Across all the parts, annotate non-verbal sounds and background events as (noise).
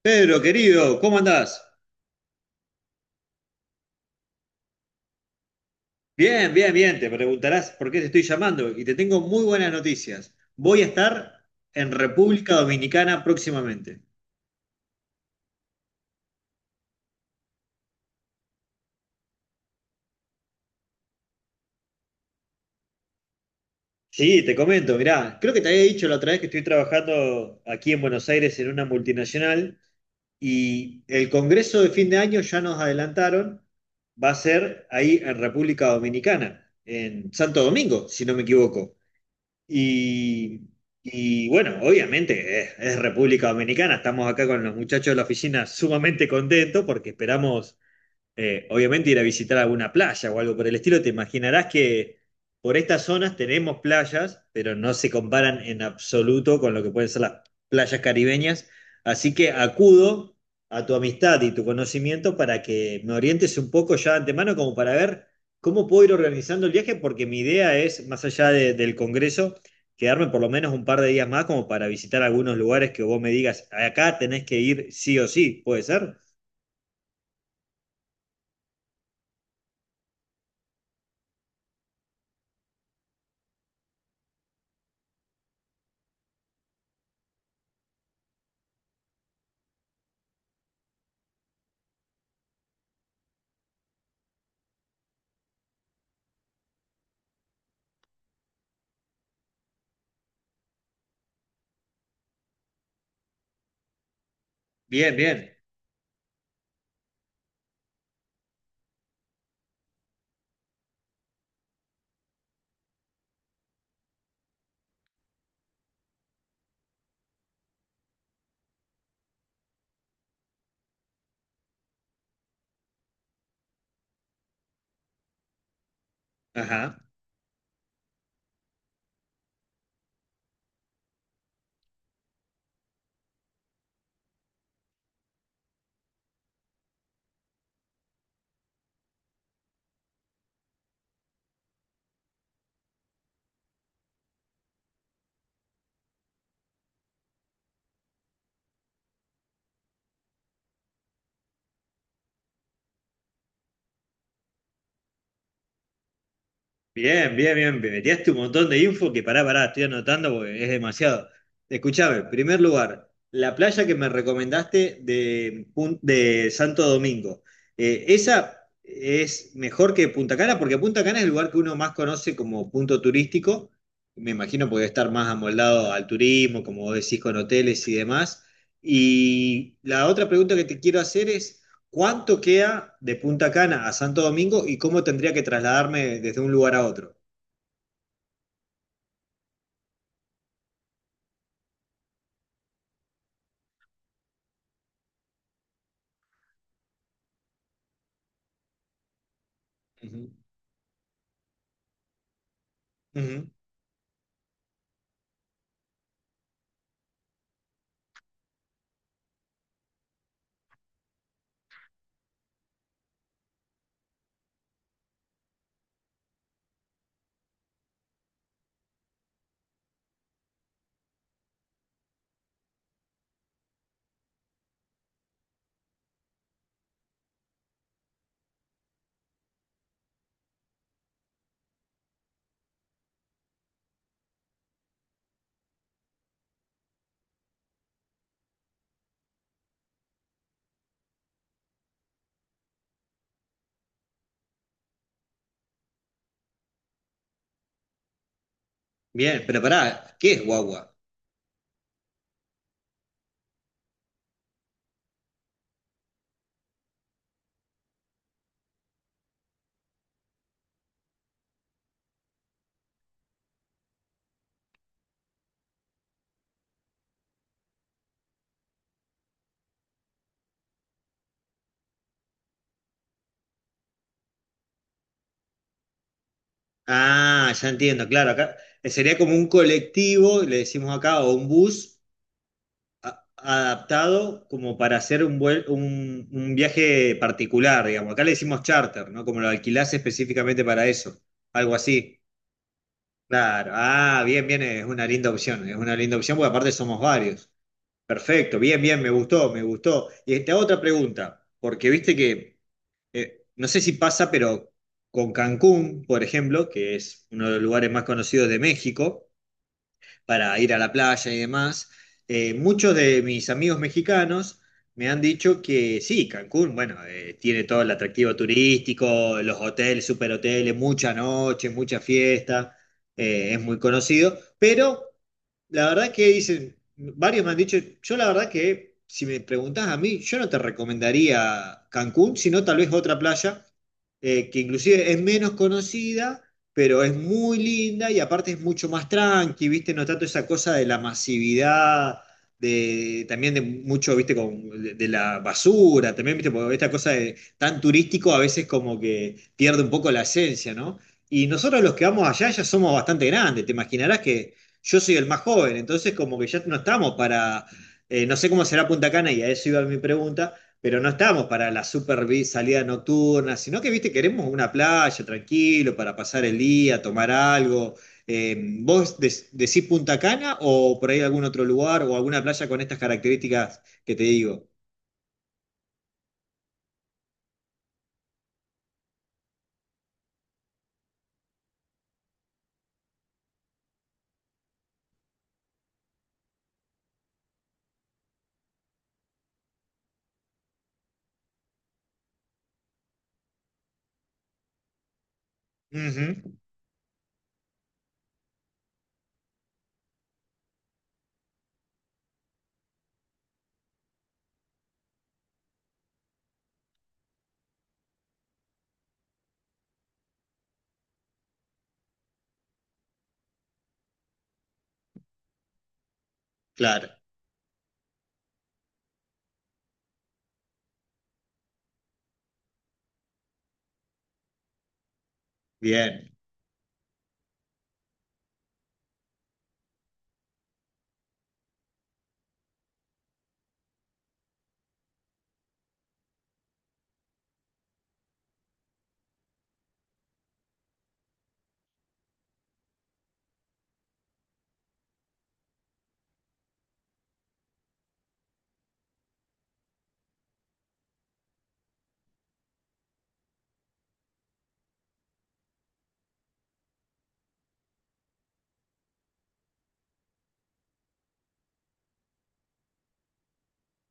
Pedro, querido, ¿cómo andás? Bien, bien, bien. Te preguntarás por qué te estoy llamando y te tengo muy buenas noticias. Voy a estar en República Dominicana próximamente. Sí, te comento, mirá, creo que te había dicho la otra vez que estoy trabajando aquí en Buenos Aires en una multinacional y el congreso de fin de año ya nos adelantaron, va a ser ahí en República Dominicana, en Santo Domingo, si no me equivoco. Y, y bueno, obviamente es República Dominicana, estamos acá con los muchachos de la oficina sumamente contentos porque esperamos obviamente ir a visitar alguna playa o algo por el estilo, te imaginarás que por estas zonas tenemos playas, pero no se comparan en absoluto con lo que pueden ser las playas caribeñas. Así que acudo a tu amistad y tu conocimiento para que me orientes un poco ya de antemano, como para ver cómo puedo ir organizando el viaje, porque mi idea es, más allá del Congreso, quedarme por lo menos un par de días más como para visitar algunos lugares que vos me digas, acá tenés que ir sí o sí, ¿puede ser? Bien, bien. Ajá. Bien, bien, bien. Me metiaste un montón de info que pará, pará, estoy anotando porque es demasiado. Escuchame, en primer lugar, la playa que me recomendaste de Santo Domingo. ¿Esa es mejor que Punta Cana? Porque Punta Cana es el lugar que uno más conoce como punto turístico. Me imagino porque debe estar más amoldado al turismo, como vos decís, con hoteles y demás. Y la otra pregunta que te quiero hacer es: ¿Cuánto queda de Punta Cana a Santo Domingo y cómo tendría que trasladarme desde un lugar a otro? Ujú, ujú. Bien, pero pará, ¿qué es guagua? Ah, ya entiendo, claro, acá sería como un colectivo, le decimos acá, o un bus adaptado como para hacer un viaje particular, digamos. Acá le decimos charter, ¿no? Como lo alquilás específicamente para eso, algo así. Claro, ah, bien, bien, es una linda opción, es una linda opción porque aparte somos varios. Perfecto, bien, bien, me gustó, me gustó. Y te hago otra pregunta, porque viste que, no sé si pasa, pero con Cancún, por ejemplo, que es uno de los lugares más conocidos de México, para ir a la playa y demás, muchos de mis amigos mexicanos me han dicho que sí, Cancún, bueno, tiene todo el atractivo turístico, los hoteles, superhoteles, mucha noche, mucha fiesta, es muy conocido, pero la verdad que dicen, varios me han dicho, yo la verdad que si me preguntás a mí, yo no te recomendaría Cancún, sino tal vez otra playa que inclusive es menos conocida, pero es muy linda y aparte es mucho más tranqui, ¿viste? No tanto esa cosa de la masividad, de, también de mucho, ¿viste? Con, de la basura, también, ¿viste? Porque esta cosa de tan turístico a veces como que pierde un poco la esencia, ¿no? Y nosotros los que vamos allá ya somos bastante grandes, te imaginarás que yo soy el más joven, entonces como que ya no estamos para, no sé cómo será Punta Cana y a eso iba mi pregunta, pero no estamos para la super salida nocturna, sino que, viste, queremos una playa tranquilo para pasar el día, tomar algo. Eh, ¿Vos decís Punta Cana o por ahí algún otro lugar o alguna playa con estas características que te digo? Ujú, claro, bien,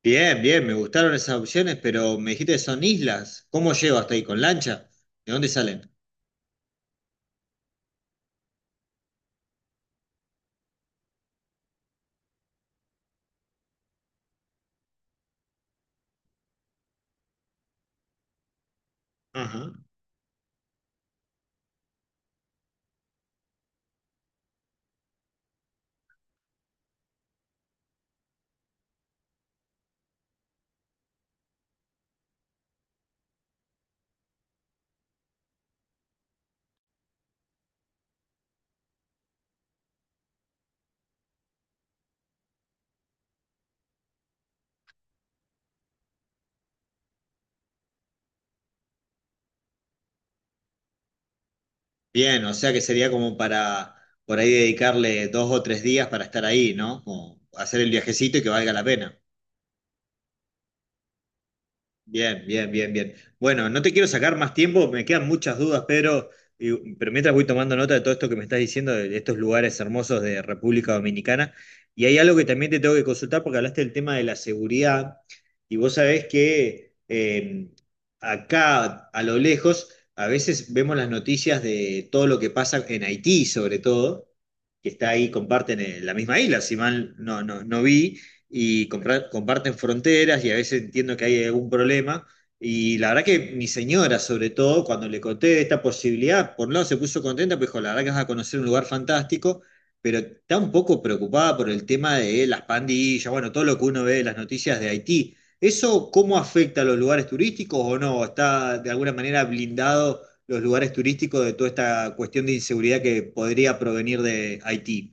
bien, bien, me gustaron esas opciones, pero me dijiste que son islas, ¿cómo llego hasta ahí? ¿Con lancha? ¿De dónde salen? Ajá. Bien, o sea que sería como para por ahí dedicarle dos o tres días para estar ahí, ¿no? Como hacer el viajecito y que valga la pena. Bien, bien, bien, bien. Bueno, no te quiero sacar más tiempo, me quedan muchas dudas, Pedro, pero mientras voy tomando nota de todo esto que me estás diciendo, de estos lugares hermosos de República Dominicana, y hay algo que también te tengo que consultar porque hablaste del tema de la seguridad, y vos sabés que acá a lo lejos a veces vemos las noticias de todo lo que pasa en Haití, sobre todo, que está ahí, comparten la misma isla, si mal no vi, y comparten fronteras y a veces entiendo que hay algún problema. Y la verdad que mi señora, sobre todo, cuando le conté esta posibilidad, por un lado se puso contenta, pues dijo, la verdad que vas a conocer un lugar fantástico, pero está un poco preocupada por el tema de las pandillas, bueno, todo lo que uno ve en las noticias de Haití. ¿Eso cómo afecta a los lugares turísticos o no? ¿Está de alguna manera blindado los lugares turísticos de toda esta cuestión de inseguridad que podría provenir de Haití?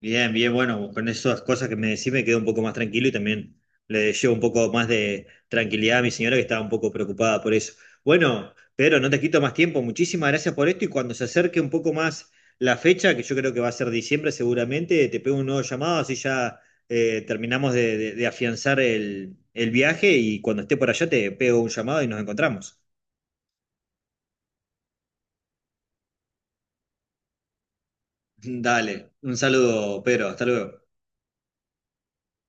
Bien, bien, bueno, con esas cosas que me decís me quedo un poco más tranquilo y también le llevo un poco más de tranquilidad a mi señora que estaba un poco preocupada por eso. Bueno, Pedro, no te quito más tiempo, muchísimas gracias por esto y cuando se acerque un poco más la fecha, que yo creo que va a ser diciembre seguramente, te pego un nuevo llamado, así ya terminamos de afianzar el viaje y cuando esté por allá te pego un llamado y nos encontramos. (laughs) Dale, un saludo, Pedro, hasta luego.